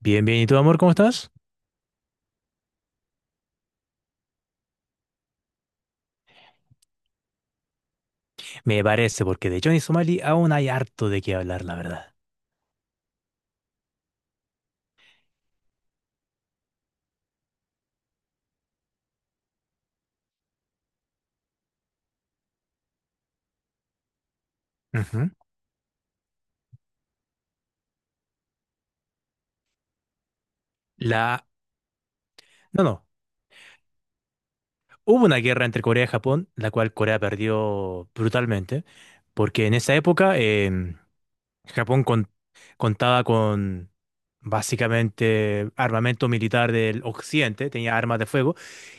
Bien, bien. ¿Y tú, amor, cómo estás? Me parece, porque de Johnny Somali aún hay harto de qué hablar, la verdad. Ujú. La... No, no. Hubo una guerra entre Corea y Japón, la cual Corea perdió brutalmente, porque en esa época Japón contaba con básicamente armamento militar del occidente, tenía armas de fuego,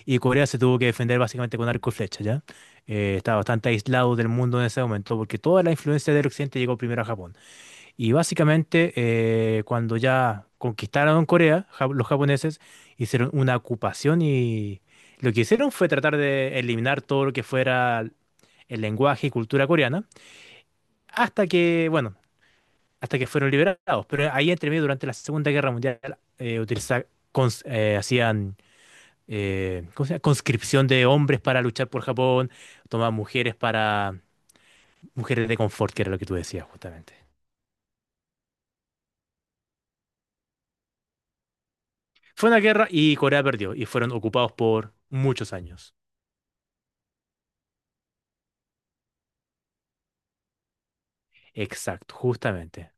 y Corea se tuvo que defender básicamente con arco y flecha, ¿ya? Estaba bastante aislado del mundo en ese momento, porque toda la influencia del occidente llegó primero a Japón. Y básicamente, cuando ya conquistaron Corea, los japoneses hicieron una ocupación y lo que hicieron fue tratar de eliminar todo lo que fuera el lenguaje y cultura coreana, bueno, hasta que fueron liberados. Pero ahí entre medio, durante la Segunda Guerra Mundial, eh, utiliza- hacían ¿cómo se llama? Conscripción de hombres para luchar por Japón, tomaban mujeres para mujeres de confort, que era lo que tú decías justamente. Fue una guerra y Corea perdió y fueron ocupados por muchos años. Exacto, justamente.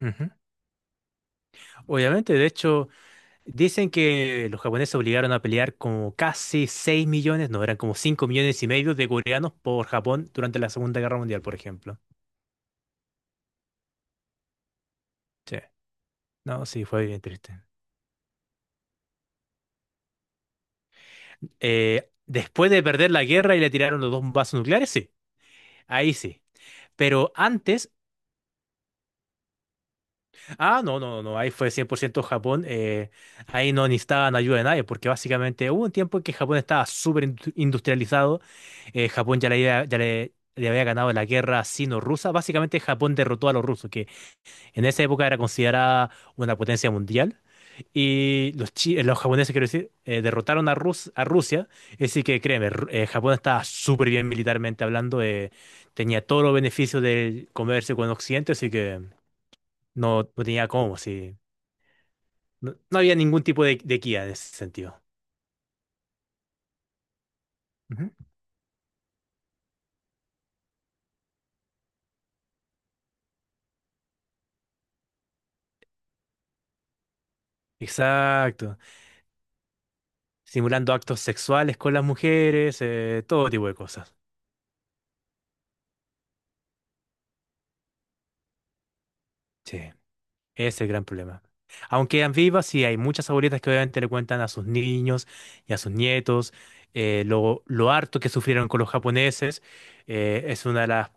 Ujú. Obviamente, de hecho, dicen que los japoneses obligaron a pelear como casi 6 millones, no, eran como 5,5 millones de coreanos por Japón durante la Segunda Guerra Mundial, por ejemplo. Sí, no, sí, fue bien triste. Después de perder la guerra y le tiraron los dos vasos nucleares, sí, ahí sí. Pero antes. Ah, no, no, no, ahí fue 100% Japón. Ahí no necesitaban ayuda de nadie, porque básicamente hubo un tiempo en que Japón estaba súper industrializado. Japón ya le había ganado la guerra sino-rusa. Básicamente Japón derrotó a los rusos, que en esa época era considerada una potencia mundial. Y los japoneses, quiero decir, derrotaron a Rusia. Así que créeme, Japón estaba súper bien militarmente hablando. Tenía todos los beneficios del comercio con Occidente, así que no, no tenía cómo, sí. No, no había ningún tipo de guía en ese sentido. Ujú. Exacto. Simulando actos sexuales con las mujeres, todo tipo de cosas. Sí, ese es el gran problema. Aunque quedan vivas, sí, hay muchas abuelitas que obviamente le cuentan a sus niños y a sus nietos lo harto que sufrieron con los japoneses. Es una de las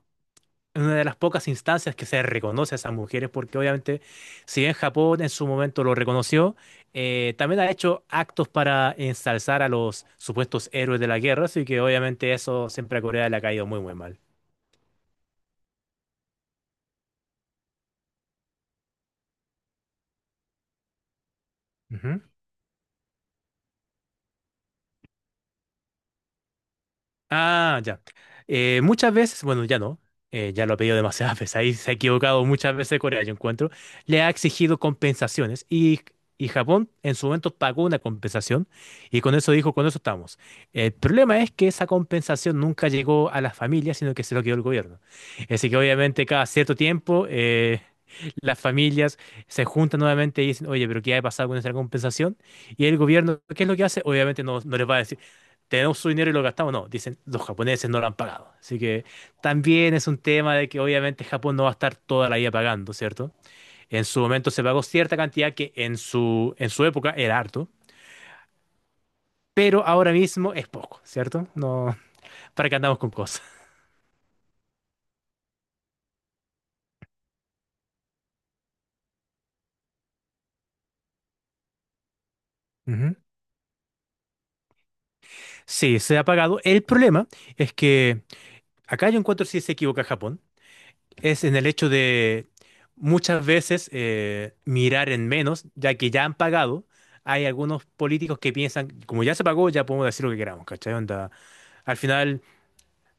En una de las pocas instancias que se reconoce a esas mujeres, porque obviamente, si bien Japón en su momento lo reconoció, también ha hecho actos para ensalzar a los supuestos héroes de la guerra, así que obviamente eso siempre a Corea le ha caído muy, muy mal. Ah, ya. Muchas veces, bueno, ya no, ya lo ha pedido demasiadas veces, ahí se ha equivocado muchas veces Corea, yo encuentro, le ha exigido compensaciones y Japón en su momento pagó una compensación y con eso dijo, con eso estamos. El problema es que esa compensación nunca llegó a las familias, sino que se lo quedó el gobierno. Así que obviamente cada cierto tiempo las familias se juntan nuevamente y dicen, oye, pero ¿qué ha pasado con esa compensación? Y el gobierno, ¿qué es lo que hace? Obviamente no, no les va a decir, tenemos su dinero y lo gastamos. No, dicen, los japoneses no lo han pagado. Así que también es un tema de que obviamente Japón no va a estar toda la vida pagando, ¿cierto? En su momento se pagó cierta cantidad que en su época era harto, pero ahora mismo es poco, ¿cierto? No, para que andamos con cosas. Ujú. Sí, se ha pagado. El problema es que acá yo encuentro si se equivoca Japón es en el hecho de muchas veces mirar en menos, ya que ya han pagado. Hay algunos políticos que piensan, como ya se pagó, ya podemos decir lo que queramos, ¿cachai? Onda, al final,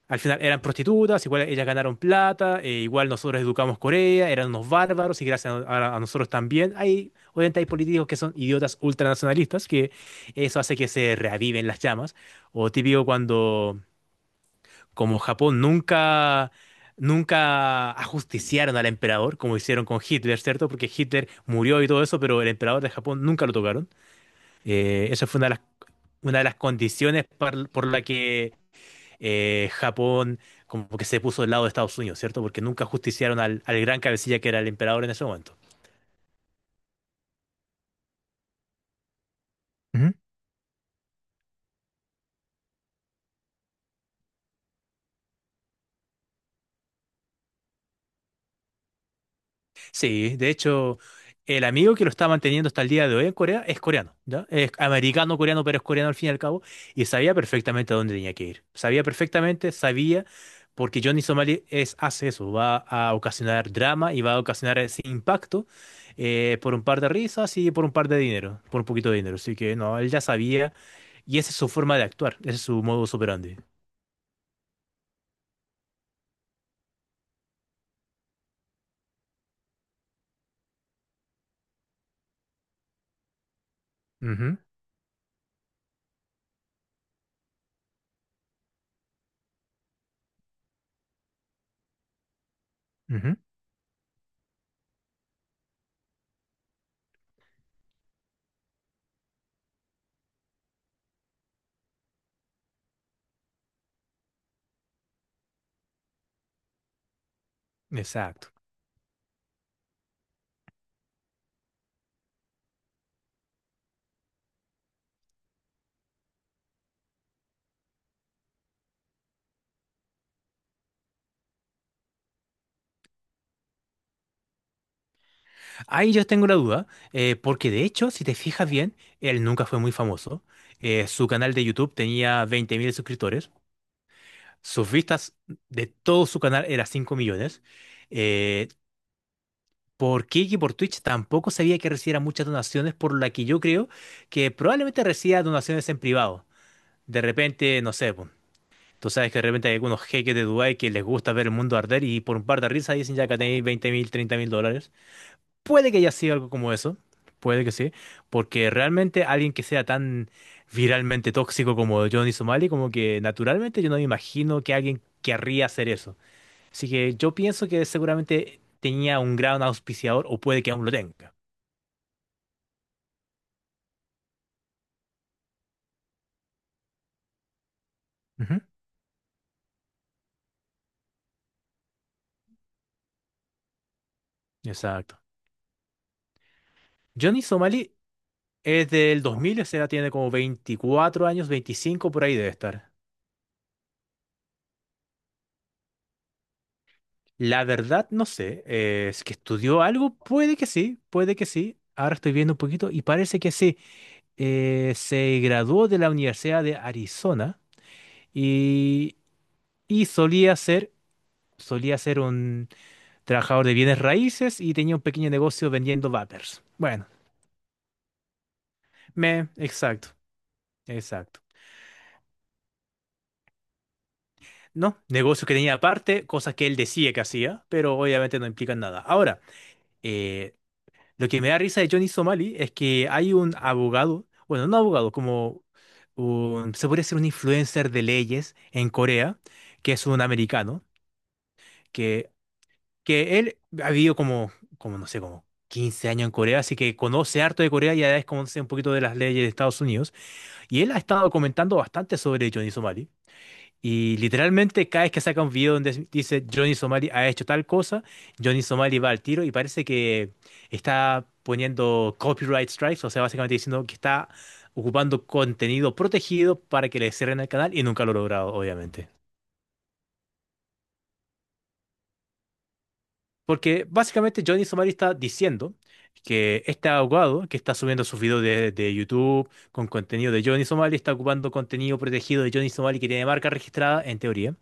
al final eran prostitutas, igual ellas ganaron plata, igual nosotros educamos Corea, eran unos bárbaros y gracias a nosotros también. Obviamente hay políticos que son idiotas ultranacionalistas, que eso hace que se reaviven las llamas. O típico cuando como Japón nunca, nunca ajusticiaron al emperador, como hicieron con Hitler, ¿cierto? Porque Hitler murió y todo eso, pero el emperador de Japón nunca lo tocaron. Esa fue una de las condiciones por la que Japón como que se puso del lado de Estados Unidos, ¿cierto? Porque nunca ajusticiaron al gran cabecilla que era el emperador en ese momento. Sí, de hecho, el amigo que lo está manteniendo hasta el día de hoy en Corea es coreano, ¿ya? Es americano-coreano, pero es coreano al fin y al cabo, y sabía perfectamente a dónde tenía que ir. Sabía perfectamente, sabía, porque Johnny Somali es, hace eso, va a ocasionar drama y va a ocasionar ese impacto por un par de risas y por un par de dinero, por un poquito de dinero. Así que no, él ya sabía, y esa es su forma de actuar, ese es su modo operandi. Ujú, ujú. Exacto. Ahí yo tengo una duda, porque de hecho, si te fijas bien, él nunca fue muy famoso. Su canal de YouTube tenía 20.000 suscriptores. Sus vistas de todo su canal eran 5 millones. Eh, por Kiki, por Twitch, tampoco sabía que recibiera muchas donaciones, por la que yo creo que probablemente reciba donaciones en privado. De repente, no sé, po, tú sabes que de repente hay algunos jeques de Dubái que les gusta ver el mundo arder y por un par de risas dicen ya que tenéis 20.000, mil dólares. Puede que haya sido algo como eso, puede que sí, porque realmente alguien que sea tan viralmente tóxico como Johnny Somali, como que naturalmente yo no me imagino que alguien querría hacer eso. Así que yo pienso que seguramente tenía un gran auspiciador o puede que aún lo tenga. Ujú. Exacto. Johnny Somali es del 2000, o sea, tiene como 24 años, 25 por ahí debe estar. La verdad no sé, si es que estudió algo, puede que sí, puede que sí. Ahora estoy viendo un poquito y parece que sí. Se graduó de la Universidad de Arizona y, y, solía ser un trabajador de bienes raíces y tenía un pequeño negocio vendiendo vapers. Bueno, exacto, exacto. No, negocio que tenía aparte, cosas que él decía que hacía, pero obviamente no implican nada. Ahora, eh, lo que me da risa de Johnny Somali es que hay un abogado, bueno, no abogado, se podría decir un influencer de leyes en Corea, que es un americano que él ha vivido como no sé, como 15 años en Corea, así que conoce harto de Corea y además conoce un poquito de las leyes de Estados Unidos. Y él ha estado comentando bastante sobre Johnny Somali. Y literalmente cada vez que saca un video donde dice Johnny Somali ha hecho tal cosa, Johnny Somali va al tiro y parece que está poniendo copyright strikes, o sea, básicamente diciendo que está ocupando contenido protegido para que le cierren el canal y nunca lo ha logrado, obviamente. Porque básicamente Johnny Somari está diciendo que este abogado que está subiendo sus videos de YouTube con contenido de Johnny Somali está ocupando contenido protegido de Johnny Somali que tiene marca registrada en teoría,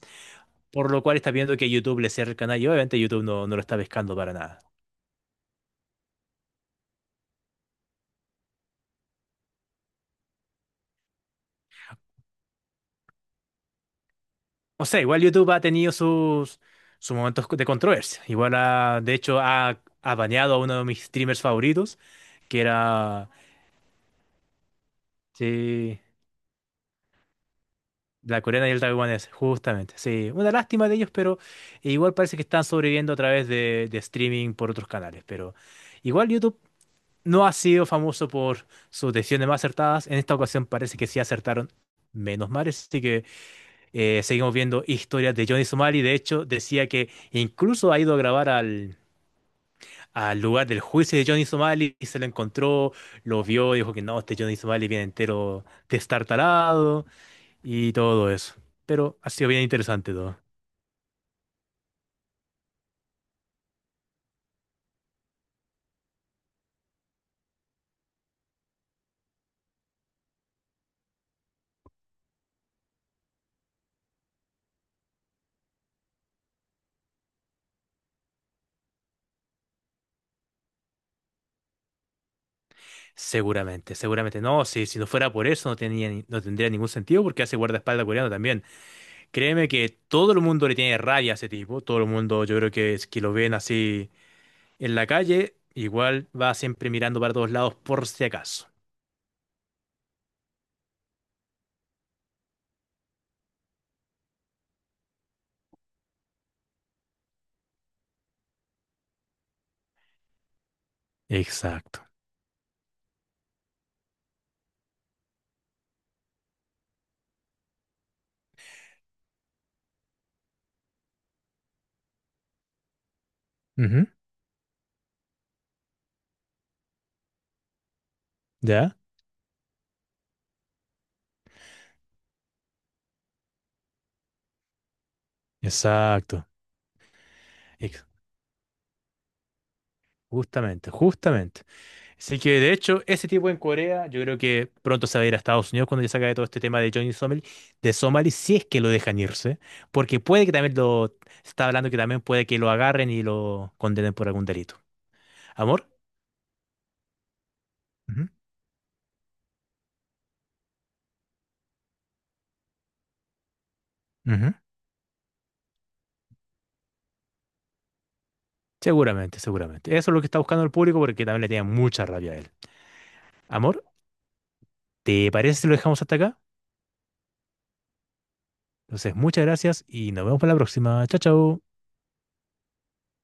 por lo cual está viendo que YouTube le cierra el canal y obviamente YouTube no, no lo está pescando para nada. O sea, igual YouTube ha tenido sus momentos de controversia. Igual de hecho ha baneado a uno de mis streamers favoritos, que era, sí, la coreana y el taiwanés, justamente. Sí, una lástima de ellos, pero igual parece que están sobreviviendo a través de streaming por otros canales. Pero igual YouTube no ha sido famoso por sus decisiones más acertadas. En esta ocasión parece que sí acertaron, menos mal. Así que seguimos viendo historias de Johnny Somali. De hecho, decía que incluso ha ido a grabar al lugar del juicio de Johnny Somali y se lo encontró, lo vio, dijo que no, este Johnny Somali viene entero destartalado y todo eso. Pero ha sido bien interesante todo. Seguramente, seguramente. No, si no fuera por eso, no tenía, no tendría ningún sentido porque hace guardaespaldas coreano también. Créeme que todo el mundo le tiene rabia a ese tipo. Todo el mundo, yo creo que es que lo ven así en la calle, igual va siempre mirando para todos lados por si acaso. Exacto. Ujú. ¿Ya? Exacto. Ex- Justamente, justamente. Así que de hecho, ese tipo en Corea, yo creo que pronto se va a ir a Estados Unidos cuando ya se acabe todo este tema de Johnny Somali, si es que lo dejan irse, porque puede que también lo, se está hablando que también puede que lo agarren y lo condenen por algún delito. ¿Amor? Ujú, ujú. Seguramente, seguramente. Eso es lo que está buscando el público porque también le tiene mucha rabia a él. ¿Amor? ¿Te parece si lo dejamos hasta acá? Entonces, muchas gracias y nos vemos para la próxima. Chao, chao.